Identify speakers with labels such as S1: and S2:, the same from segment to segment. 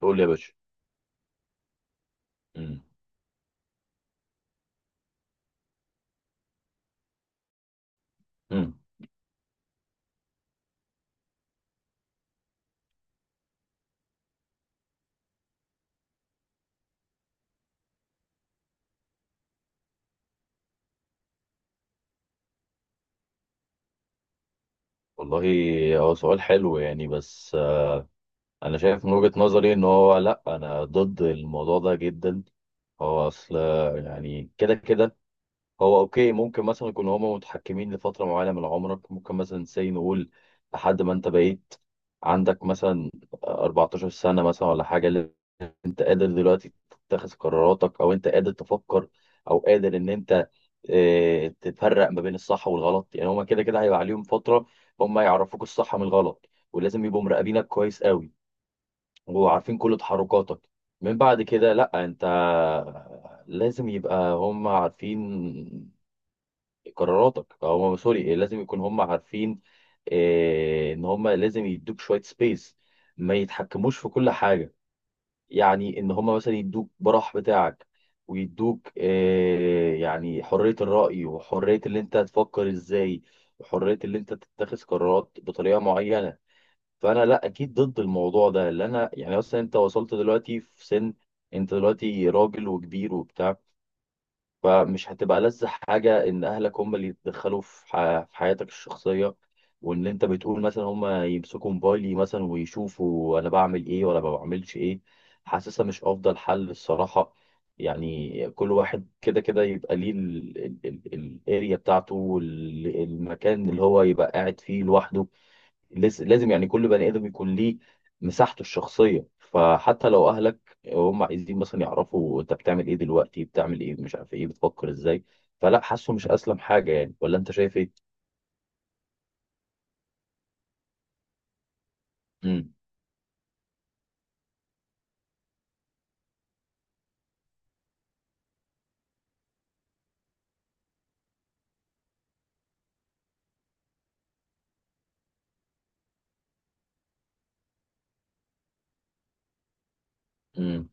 S1: قول يا باشا. مم. مم. والله، هو سؤال حلو يعني بس، انا شايف من وجهة نظري ان هو، لا، انا ضد الموضوع ده جدا. هو اصل، يعني كده كده، هو اوكي، ممكن مثلا يكونوا هما متحكمين لفترة معينة من عمرك، ممكن مثلا سي نقول لحد ما انت بقيت عندك مثلا 14 سنة مثلا ولا حاجة. انت قادر دلوقتي تتخذ قراراتك، او انت قادر تفكر، او قادر ان انت اه، تفرق ما بين الصح والغلط. يعني هما كده كده هيبقى عليهم فترة، هما يعرفوك الصح من الغلط، ولازم يبقوا مراقبينك كويس قوي، وعارفين كل تحركاتك. من بعد كده، لا، انت لازم يبقى هما عارفين قراراتك، او هما، سوري، لازم يكون هما عارفين اه، ان هما لازم يدوك شوية سبيس، ما يتحكموش في كل حاجة. يعني ان هم مثلا يدوك براح بتاعك، ويدوك يعني حرية الرأي، وحرية اللي انت تفكر ازاي، وحرية اللي انت تتخذ قرارات بطريقة معينة. فانا، لا، اكيد ضد الموضوع ده، اللي انا يعني مثلا انت وصلت دلوقتي في سن، انت دلوقتي راجل وكبير وبتاع. فمش هتبقى لذة حاجة إن أهلك هم اللي يتدخلوا في في حياتك الشخصية. وإن أنت بتقول مثلا هم يمسكوا موبايلي مثلا ويشوفوا أنا بعمل إيه ولا ما بعملش إيه. حاسسها مش أفضل حل الصراحة. يعني كل واحد كده كده يبقى ليه الاريا بتاعته، والمكان اللي هو يبقى قاعد فيه لوحده. لازم يعني كل بني ادم يكون ليه مساحته الشخصيه. فحتى لو اهلك هم عايزين مثلا يعرفوا انت بتعمل ايه دلوقتي، بتعمل ايه، مش عارف ايه، بتفكر ازاي. فلا، حاسه مش اسلم حاجه يعني. ولا انت شايف ايه؟ امم. امم.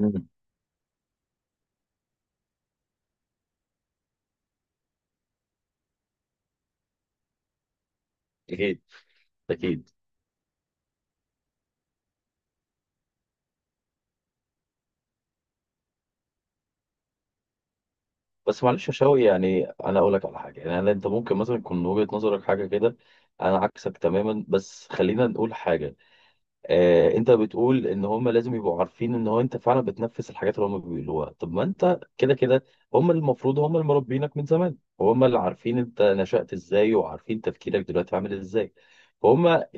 S1: امم. اكيد، اكيد. بس معلش يا شوقي، يعني انا اقول لك على حاجه، يعني انت ممكن مثلا يكون وجهه نظرك حاجه كده. انا عكسك تماما، بس خلينا نقول حاجه. انت بتقول ان هم لازم يبقوا عارفين ان هو انت فعلا بتنفذ الحاجات اللي هم بيقولوها. طب ما انت كده كده، هم المفروض، هم اللي مربينك من زمان، هم اللي عارفين انت نشأت ازاي، وعارفين تفكيرك دلوقتي عامل ازاي. فهم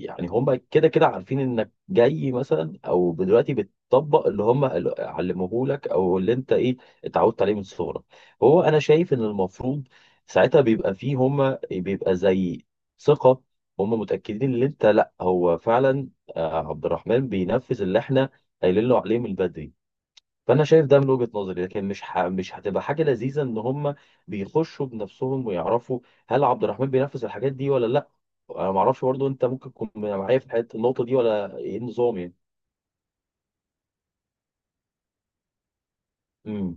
S1: يعني هم كده كده عارفين انك جاي مثلا، او دلوقتي بتطبق اللي هم علموه لك، او اللي انت ايه اتعودت عليه من صغرك. هو انا شايف ان المفروض ساعتها بيبقى فيه، هم بيبقى زي ثقة، هم متأكدين ان انت، لا، هو فعلا عبد الرحمن بينفذ اللي احنا قايلين له عليه من بدري. فانا شايف ده من وجهة نظري، لكن مش هتبقى حاجة لذيذة ان هم بيخشوا بنفسهم ويعرفوا هل عبد الرحمن بينفذ الحاجات دي ولا لا. انا ما اعرفش برضه، انت ممكن تكون معايا في حته النقطة دي، ولا ايه النظام يعني؟ امم.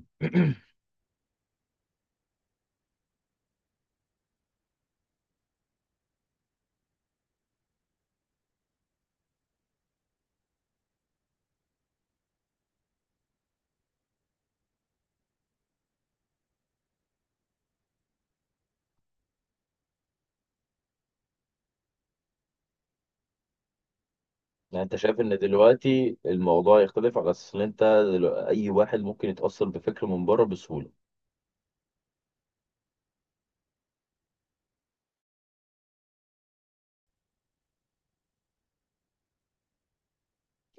S1: يعني انت شايف ان دلوقتي الموضوع يختلف على اساس ان انت، اي واحد ممكن يتأثر بفكر من بره بسهولة.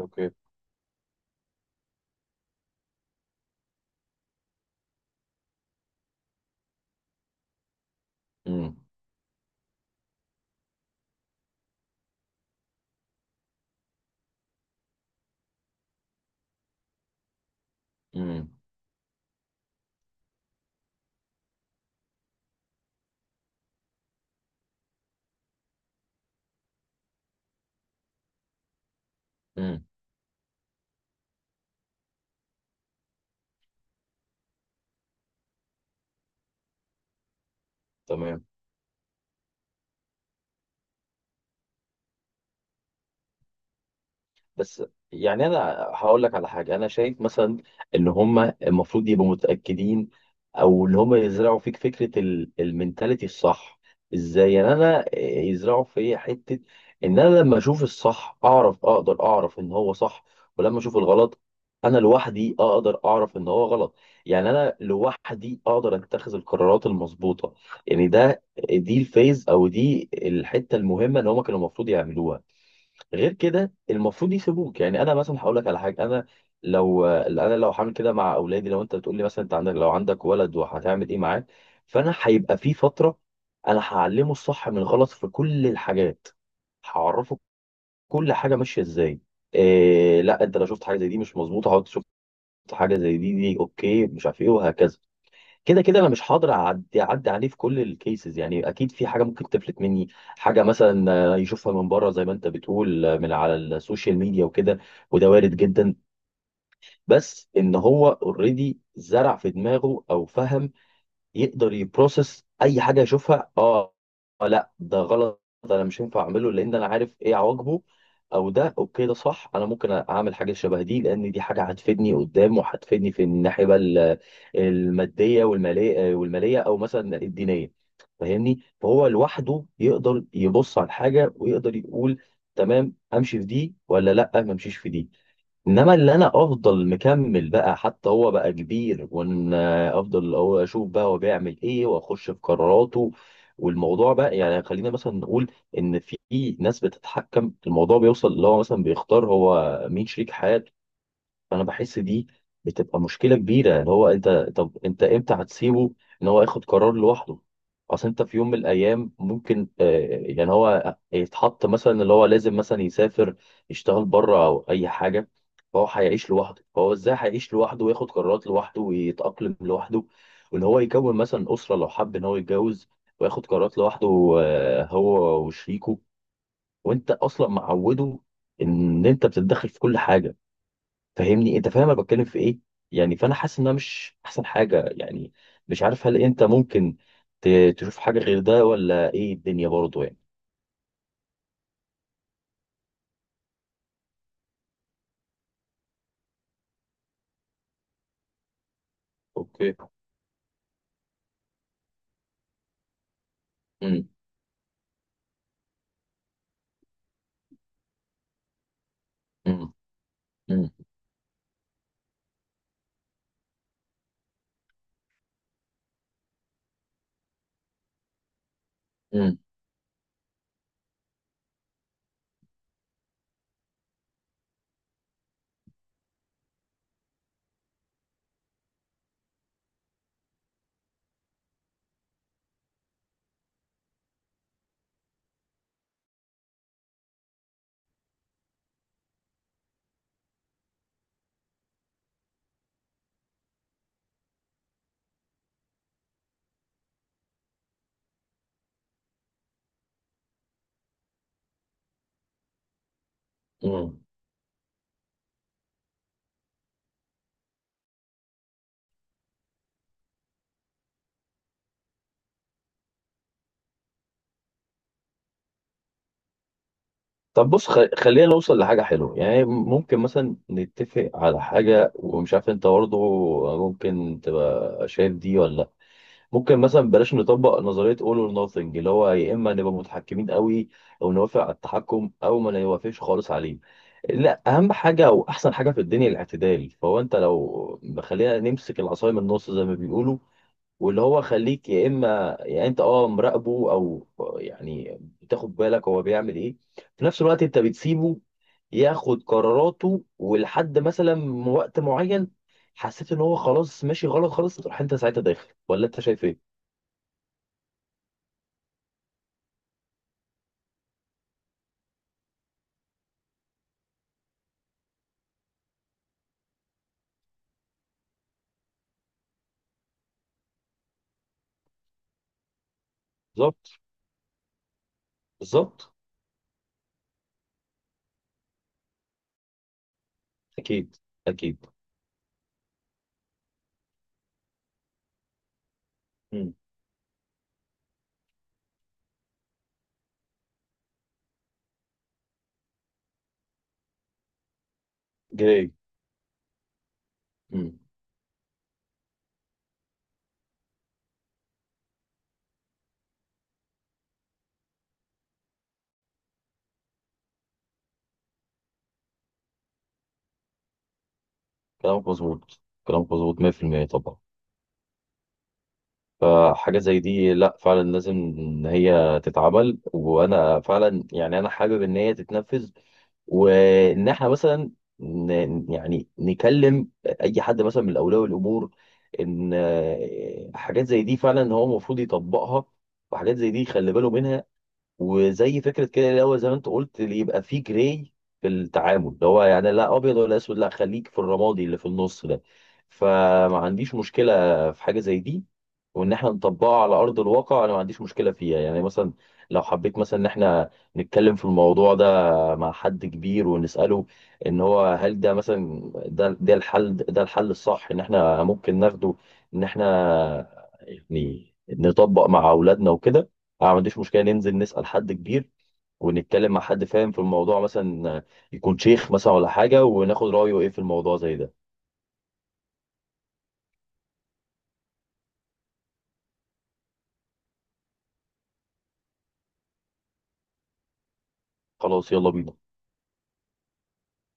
S1: اوكي. امم. امم. امم. تمام. بس يعني انا هقول لك على حاجه، انا شايف مثلا ان هم المفروض يبقوا متاكدين، او اللي هم يزرعوا فيك فكره المنتاليتي الصح. ازاي يعني انا يزرعوا في حته ان انا لما اشوف الصح اقدر اعرف ان هو صح، ولما اشوف الغلط انا لوحدي اقدر اعرف ان هو غلط. يعني انا لوحدي اقدر اتخذ القرارات المظبوطه. يعني دي الفيز، او دي الحته المهمه اللي هم كانوا المفروض يعملوها. غير كده المفروض يسيبوك. يعني انا مثلا هقول لك على حاجه، انا لو هعمل كده مع اولادي، لو انت بتقول لي مثلا انت عندك، لو عندك ولد وهتعمل ايه معاه. فانا هيبقى في فتره انا هعلمه الصح من الغلط في كل الحاجات، هعرفه كل حاجه ماشيه ازاي. إيه، لا، انت لو شفت حاجه زي دي مش مظبوطه هقعد، شفت حاجه زي دي، دي اوكي، مش عارف ايه، وهكذا. كده كده انا مش هقدر اعدي عليه في كل الكيسز، يعني اكيد في حاجه ممكن تفلت مني. حاجه مثلا يشوفها من بره زي ما انت بتقول، من على السوشيال ميديا وكده. وده وارد جدا. بس ان هو اوريدي زرع في دماغه، او فهم، يقدر يبروسس اي حاجه يشوفها. اه لا، ده غلط، ده انا مش هينفع اعمله لان انا عارف ايه عواقبه. او ده اوكي، ده صح، انا ممكن اعمل حاجه شبه دي لان دي حاجه هتفيدني قدام وهتفيدني في الناحيه بقى الماديه والماليه او مثلا الدينيه. فاهمني؟ فهو لوحده يقدر يبص على الحاجه ويقدر يقول تمام امشي في دي، ولا لا ما امشيش في دي. انما اللي انا افضل مكمل بقى حتى هو بقى كبير، وان افضل هو اشوف بقى هو بيعمل ايه واخش في قراراته. والموضوع بقى يعني خلينا مثلا نقول ان في ناس بتتحكم، الموضوع بيوصل اللي هو مثلا بيختار هو مين شريك حياته. فانا بحس دي بتبقى مشكله كبيره، اللي هو انت، طب انت امتى هتسيبه ان هو ياخد قرار لوحده؟ اصل انت في يوم من الايام ممكن يعني هو يتحط مثلا اللي هو لازم مثلا يسافر، يشتغل بره او اي حاجه. فهو هيعيش لوحده، فهو ازاي هيعيش لوحده وياخد قرارات لوحده ويتاقلم لوحده؟ وان هو يكون مثلا اسره لو حب ان هو يتجوز وياخد قرارات لوحده، هو وشريكه، وانت اصلا معوده ان انت بتتدخل في كل حاجه. فاهمني؟ انت فاهم انا بتكلم في ايه؟ يعني فانا حاسس انها مش احسن حاجه يعني. مش عارف، هل انت ممكن تشوف حاجه غير ده، ولا ايه الدنيا برضه يعني؟ اوكي. امم. امم. امم. امم. امم. طب بص، خلينا نوصل لحاجه حلوه، يعني ممكن مثلا نتفق على حاجه، ومش عارف انت برضه ممكن تبقى شايف دي ولا. ممكن مثلا بلاش نطبق نظرية all or nothing، اللي هو يا إما نبقى متحكمين قوي، أو نوافق على التحكم، أو ما نوافقش خالص عليه. لا، أهم حاجة وأحسن حاجة في الدنيا الاعتدال. فهو أنت لو خلينا نمسك العصاية من النص زي ما بيقولوا، واللي هو خليك، يا إما يعني أنت مراقبه، أو يعني بتاخد بالك هو بيعمل إيه، في نفس الوقت أنت بتسيبه ياخد قراراته، ولحد مثلا وقت معين حسيت إن هو خلاص ماشي غلط خالص، تروح أنت ساعتها داخل، ولا أنت شايف إيه؟ بالظبط، بالظبط. اكيد، اكيد. امم. جاي. امم. كلامك مظبوط، كلامك مظبوط 100%، طبعا. فحاجه زي دي، لا، فعلا لازم ان هي تتعمل، وانا فعلا يعني انا حابب ان هي تتنفذ. وان احنا مثلا يعني نكلم اي حد مثلا من اولياء الامور، ان حاجات زي دي فعلا هو المفروض يطبقها، وحاجات زي دي خلي باله منها. وزي فكره كده، اللي هو زي ما انت قلت، اللي يبقى فيه جراي في التعامل، اللي هو يعني لا ابيض ولا اسود، لا، خليك في الرمادي اللي في النص ده. فما عنديش مشكله في حاجه زي دي، وان احنا نطبقها على ارض الواقع، انا ما عنديش مشكله فيها، يعني مثلا لو حبيت مثلا ان احنا نتكلم في الموضوع ده مع حد كبير ونساله ان هو، هل ده مثلا، ده الحل، ده الحل الصح ان احنا ممكن ناخده، ان احنا يعني نطبق مع اولادنا وكده. انا ما عنديش مشكله ننزل نسال حد كبير، ونتكلم مع حد فاهم في الموضوع، مثلا يكون شيخ مثلا ولا حاجه، وناخد رايه ايه في الموضوع زي ده. خلاص، يلا بينا.